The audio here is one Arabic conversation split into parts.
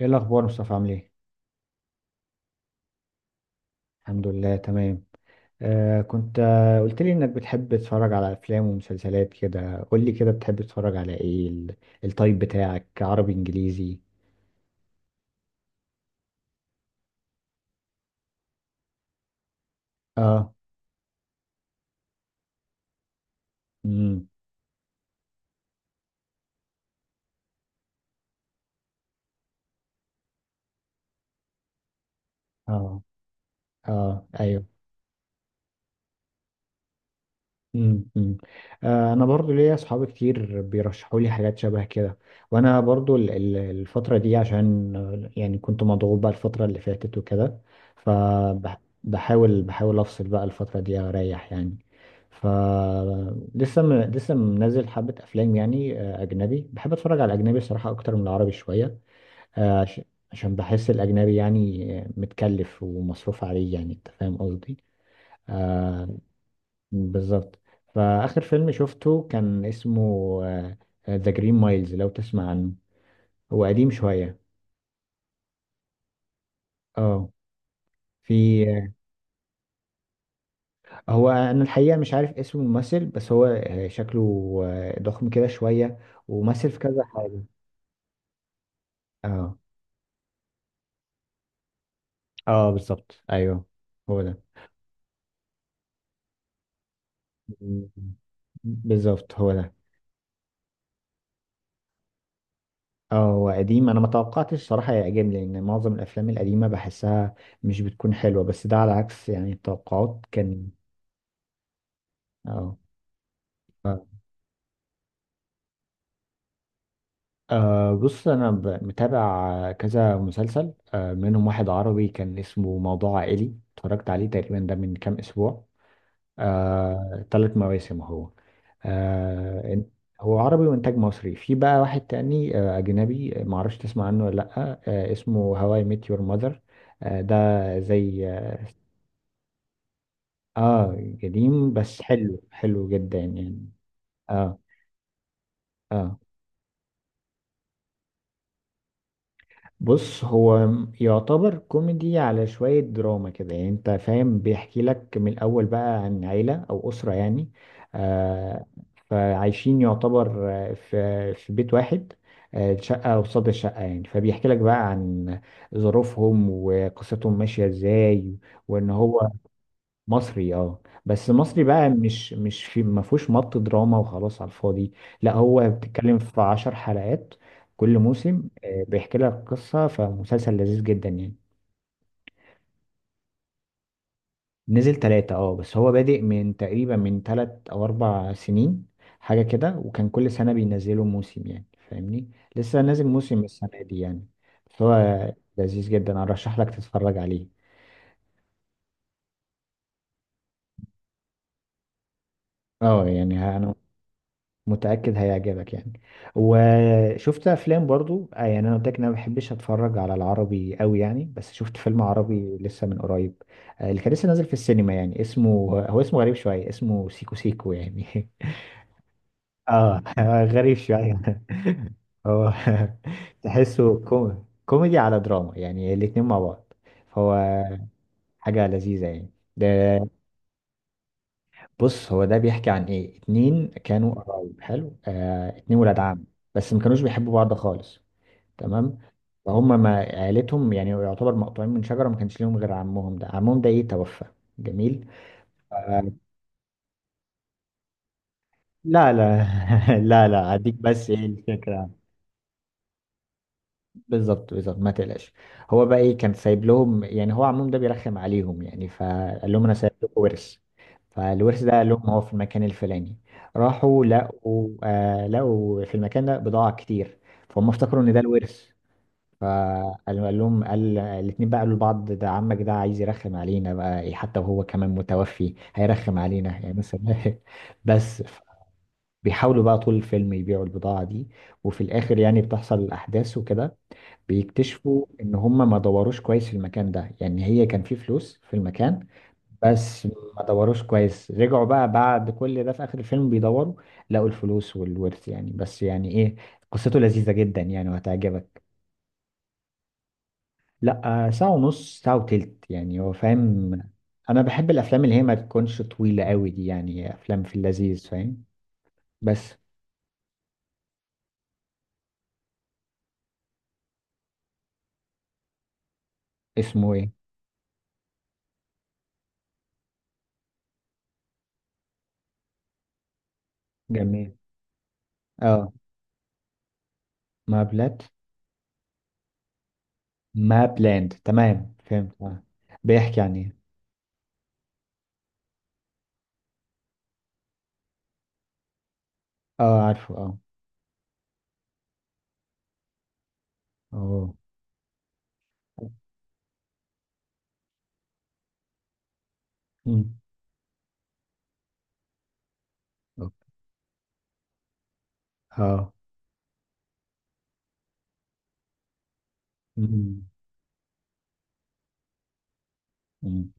ايه الاخبار مصطفى، عامل ايه؟ الحمد لله، تمام. كنت قلت لي انك بتحب تتفرج على افلام ومسلسلات كده. قول لي كده، بتحب تتفرج على ايه؟ التايب بتاعك عربي، انجليزي؟ اه. امم. اه. اه، ايوه. مم، مم. انا برضو ليا اصحاب كتير بيرشحوا لي حاجات شبه كده. وانا برضو الفتره دي عشان يعني كنت مضغوط بقى الفتره اللي فاتت وكده. فبحاول بحاول افصل بقى الفتره دي، اريح يعني. ف لسه منزل حبه افلام يعني، اجنبي. بحب اتفرج على الاجنبي الصراحه اكتر من العربي شويه. آه، عش- عشان بحس الاجنبي يعني متكلف ومصروف عليه، يعني انت فاهم قصدي. آه، بالظبط. فآخر فيلم شفته كان اسمه ذا جرين مايلز، لو تسمع عنه. هو قديم شوية. اه. في آه، هو، أنا الحقيقة مش عارف اسم الممثل، بس هو شكله ضخم كده شوية، ومثل في كذا حاجة. اه. اه، بالظبط، ايوه، هو ده. م- بالظبط، هو ده. اه، هو قديم، انا ما توقعتش صراحة يعجبني، لان معظم الافلام القديمة بحسها مش بتكون حلوة. بس ده على عكس يعني التوقعات كان. اه. أه، بص، أنا متابع كذا مسلسل، منهم واحد عربي كان اسمه موضوع عائلي، اتفرجت عليه تقريبا ده من كام أسبوع. أه، 3 مواسم هو. أه، هو عربي وإنتاج مصري. في بقى واحد تاني أجنبي، معرفش تسمع عنه ولا لأ. اسمه هواي ميت يور ماذر. ده زي. اه، قديم بس حلو حلو جدا يعني. اه، اه. بص، هو يعتبر كوميدي على شوية دراما كده يعني انت فاهم. بيحكي لك من الأول بقى عن عيلة أو أسرة يعني. آه فعايشين يعتبر، في بيت واحد. شقة قصاد الشقة يعني، فبيحكي لك بقى عن ظروفهم وقصتهم ماشية ازاي، وإن هو. مصري. اه، بس مصري بقى، مش في، ما فيهوش مط دراما وخلاص على الفاضي. لا، هو بتتكلم في 10 حلقات. كل موسم، بيحكي لك قصة. فمسلسل لذيذ جدا يعني. نزل 3. اه، بس هو بادئ من تقريبا 3 أو 4 سنين، حاجة كده. وكان كل سنة بينزلوا موسم يعني، فاهمني. لسه نازل موسم السنة دي يعني. فهو لذيذ جدا، أرشح لك تتفرج عليه. اه، يعني أنا متأكد هيعجبك يعني. وشفت افلام برضو، يعني انا قلت لك إن انا ما بحبش اتفرج على العربي قوي يعني. بس شفت فيلم عربي لسه من قريب، اللي كان لسه نازل في السينما يعني. اسمه، هو اسمه غريب شوية، اسمه سيكو سيكو يعني. اه. غريب شوية. هو. تحسه كوميدي على دراما يعني، الاتنين مع بعض. فهو حاجة لذيذة يعني. ده. بص، هو ده بيحكي عن ايه، اتنين كانوا قرايب. حلو، اتنين ولاد عم. بس ما كانوش بيحبوا بعض خالص. تمام. فهم ما عيلتهم يعني، يعتبر مقطوعين من شجرة، ما كانش ليهم غير عمهم ده. عمهم ده توفى. جميل. آه لا، لا. لا، لا، هديك بس ايه الفكرة. بالظبط، بالظبط، ما تقلقش. هو بقى ايه، كان سايب لهم يعني، هو عمهم ده بيرخم عليهم يعني، فقال لهم انا سايب لكم ورث. فالورث ده قال لهم هو في المكان الفلاني. راحوا لقوا في المكان ده بضاعة كتير. فهم افتكروا ان ده الورث. فقال لهم، قال الاتنين بقى، قالوا لبعض، ده عمك ده عايز يرخم علينا بقى إيه، حتى وهو كمان متوفي هيرخم علينا يعني مثلا. بس. بيحاولوا بقى طول الفيلم يبيعوا البضاعة دي. وفي الآخر يعني بتحصل الأحداث وكده. بيكتشفوا ان هم ما دوروش كويس في المكان ده يعني، هي كان في فلوس في المكان. بس ما دوروش كويس. رجعوا بقى بعد كل ده في اخر الفيلم، بيدوروا. لقوا الفلوس والورث يعني. بس يعني ايه، قصته لذيذة جدا يعني، وهتعجبك. لا، ساعة ونص، ساعة وتلت يعني هو فاهم. انا بحب الافلام اللي هي ما تكونش طويلة قوي دي يعني، افلام في اللذيذ، فاهم. بس. اسمه ايه؟ جميل. اه. ما بلاد ما بلاند، تمام فهمت. آه. بيحكي عن ايه؟ اه، عارفه، اه. اه. مم. اه. مم. مم.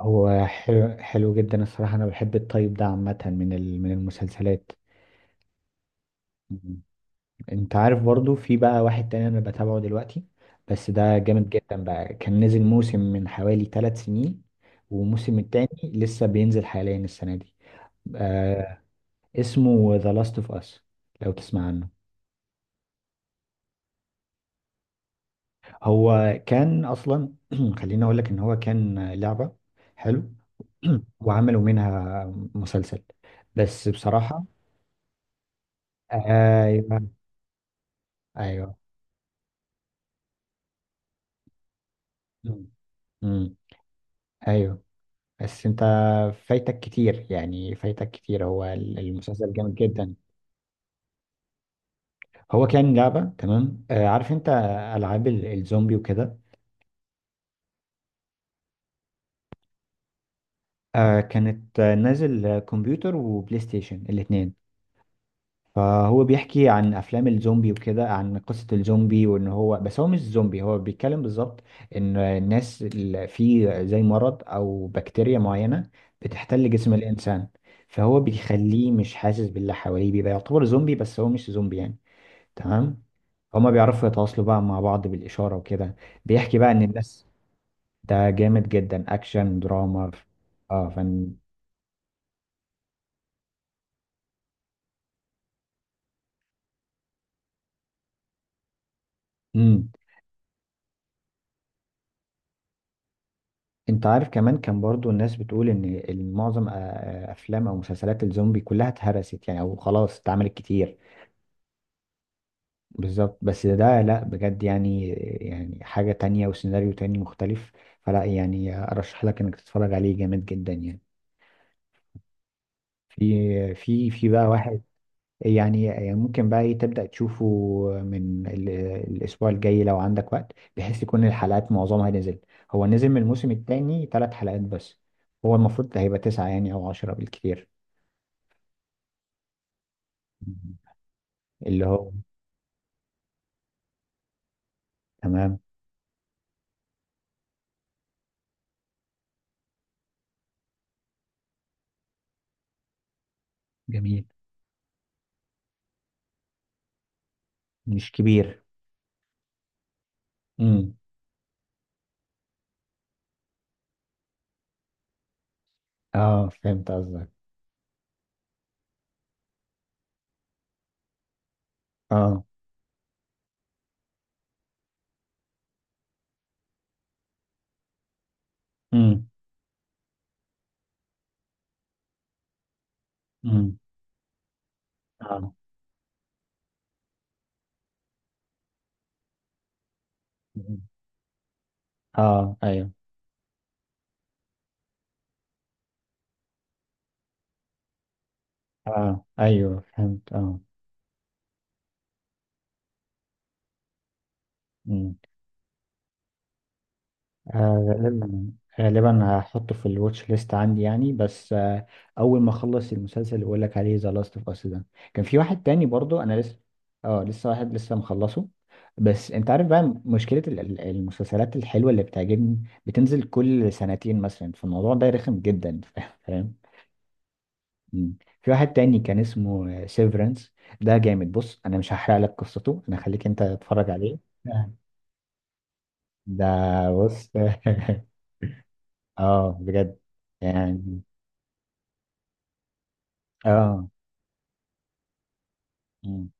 هو حلو حلو جدا الصراحة. أنا بحب الطيب ده عامة، من المسلسلات. مم. أنت عارف برضو، في بقى واحد تاني أنا بتابعه دلوقتي. بس ده جامد جدا بقى، كان نزل موسم من حوالي 3 سنين. والموسم التاني، لسه بينزل حاليا السنة دي. آه. اسمه The Last of Us، لو تسمع عنه. هو كان اصلا، خليني اقول لك ان هو كان لعبه. حلو. وعملوا منها مسلسل، بس بصراحه. ايوه. ايوه. مم. مم. ايوه. بس انت فايتك كتير يعني، فايتك كتير. هو المسلسل جامد جدا. هو كان لعبه تمام، عارف انت. العاب الزومبي وكده. كانت نازل، كمبيوتر وبلاي ستيشن الاثنين. فهو بيحكي عن افلام الزومبي وكده، عن قصة الزومبي وان هو، بس هو مش زومبي. هو بيتكلم بالظبط، ان الناس اللي في زي مرض او بكتيريا معينة بتحتل جسم الانسان. فهو بيخليه مش حاسس باللي حواليه، بيبقى يعتبر زومبي بس هو مش زومبي يعني. تمام. هما بيعرفوا يتواصلوا بقى مع بعض بالإشارة وكده. بيحكي بقى ان الناس. ده جامد جدا، اكشن دراما. اه، فن. مم. انت عارف كمان، كان برضو الناس بتقول ان معظم افلام او مسلسلات الزومبي كلها اتهرست يعني، او خلاص اتعملت كتير. بالظبط، بس ده لا، بجد يعني. يعني حاجة تانية وسيناريو تاني مختلف. فلا يعني، ارشح لك انك تتفرج عليه، جامد جدا يعني. في بقى واحد. يعني ممكن بقى ايه تبدأ تشوفه. من ال- الاسبوع الجاي لو عندك وقت، بحيث تكون الحلقات معظمها نزل. هو نزل من الموسم التاني 3 حلقات بس. هو المفروض هيبقى 9 يعني، او 10 بالكتير. اللي هو. تمام. جميل. مش كبير. امم. اه، فهمت قصدك. اه. امم. امم. اه. مم. اه، ايوه. اه، ايوه، فهمت، اه. مم. آه، غالبا غالبا هحطه في الواتش ليست عندي يعني، بس اول ما اخلص المسلسل اللي بقول لك عليه، ذا لاست اوف اس ده. كان في واحد تاني برضو، انا لسه واحد لسه مخلصه. بس انت عارف بقى، مشكلة المسلسلات الحلوة اللي بتعجبني، بتنزل كل سنتين مثلا، فالموضوع ده رخم جدا. فاهم. مم. في واحد تاني كان اسمه سيفرنس. ده جامد، بص، انا مش هحرق لك قصته، انا خليك انت تتفرج عليه. ده، بص. اه، بجد يعني. اه. مم.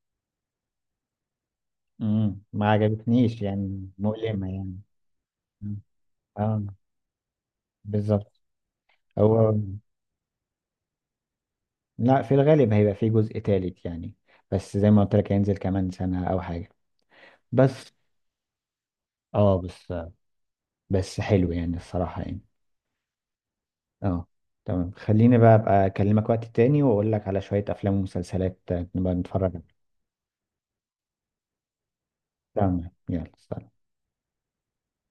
مم. ما عجبتنيش يعني، مؤلمة يعني. مم. اه، بالظبط. هو، لا، في الغالب هيبقى في جزء تالت يعني. بس زي ما قلت لك، هينزل كمان سنة أو حاجة. بس اه بس بس حلو يعني الصراحة يعني. اه. تمام، خليني بقى أبقى أكلمك وقت تاني، وأقول لك على شوية أفلام ومسلسلات نبقى نتفرج عليها. تمام، يلا، سلام.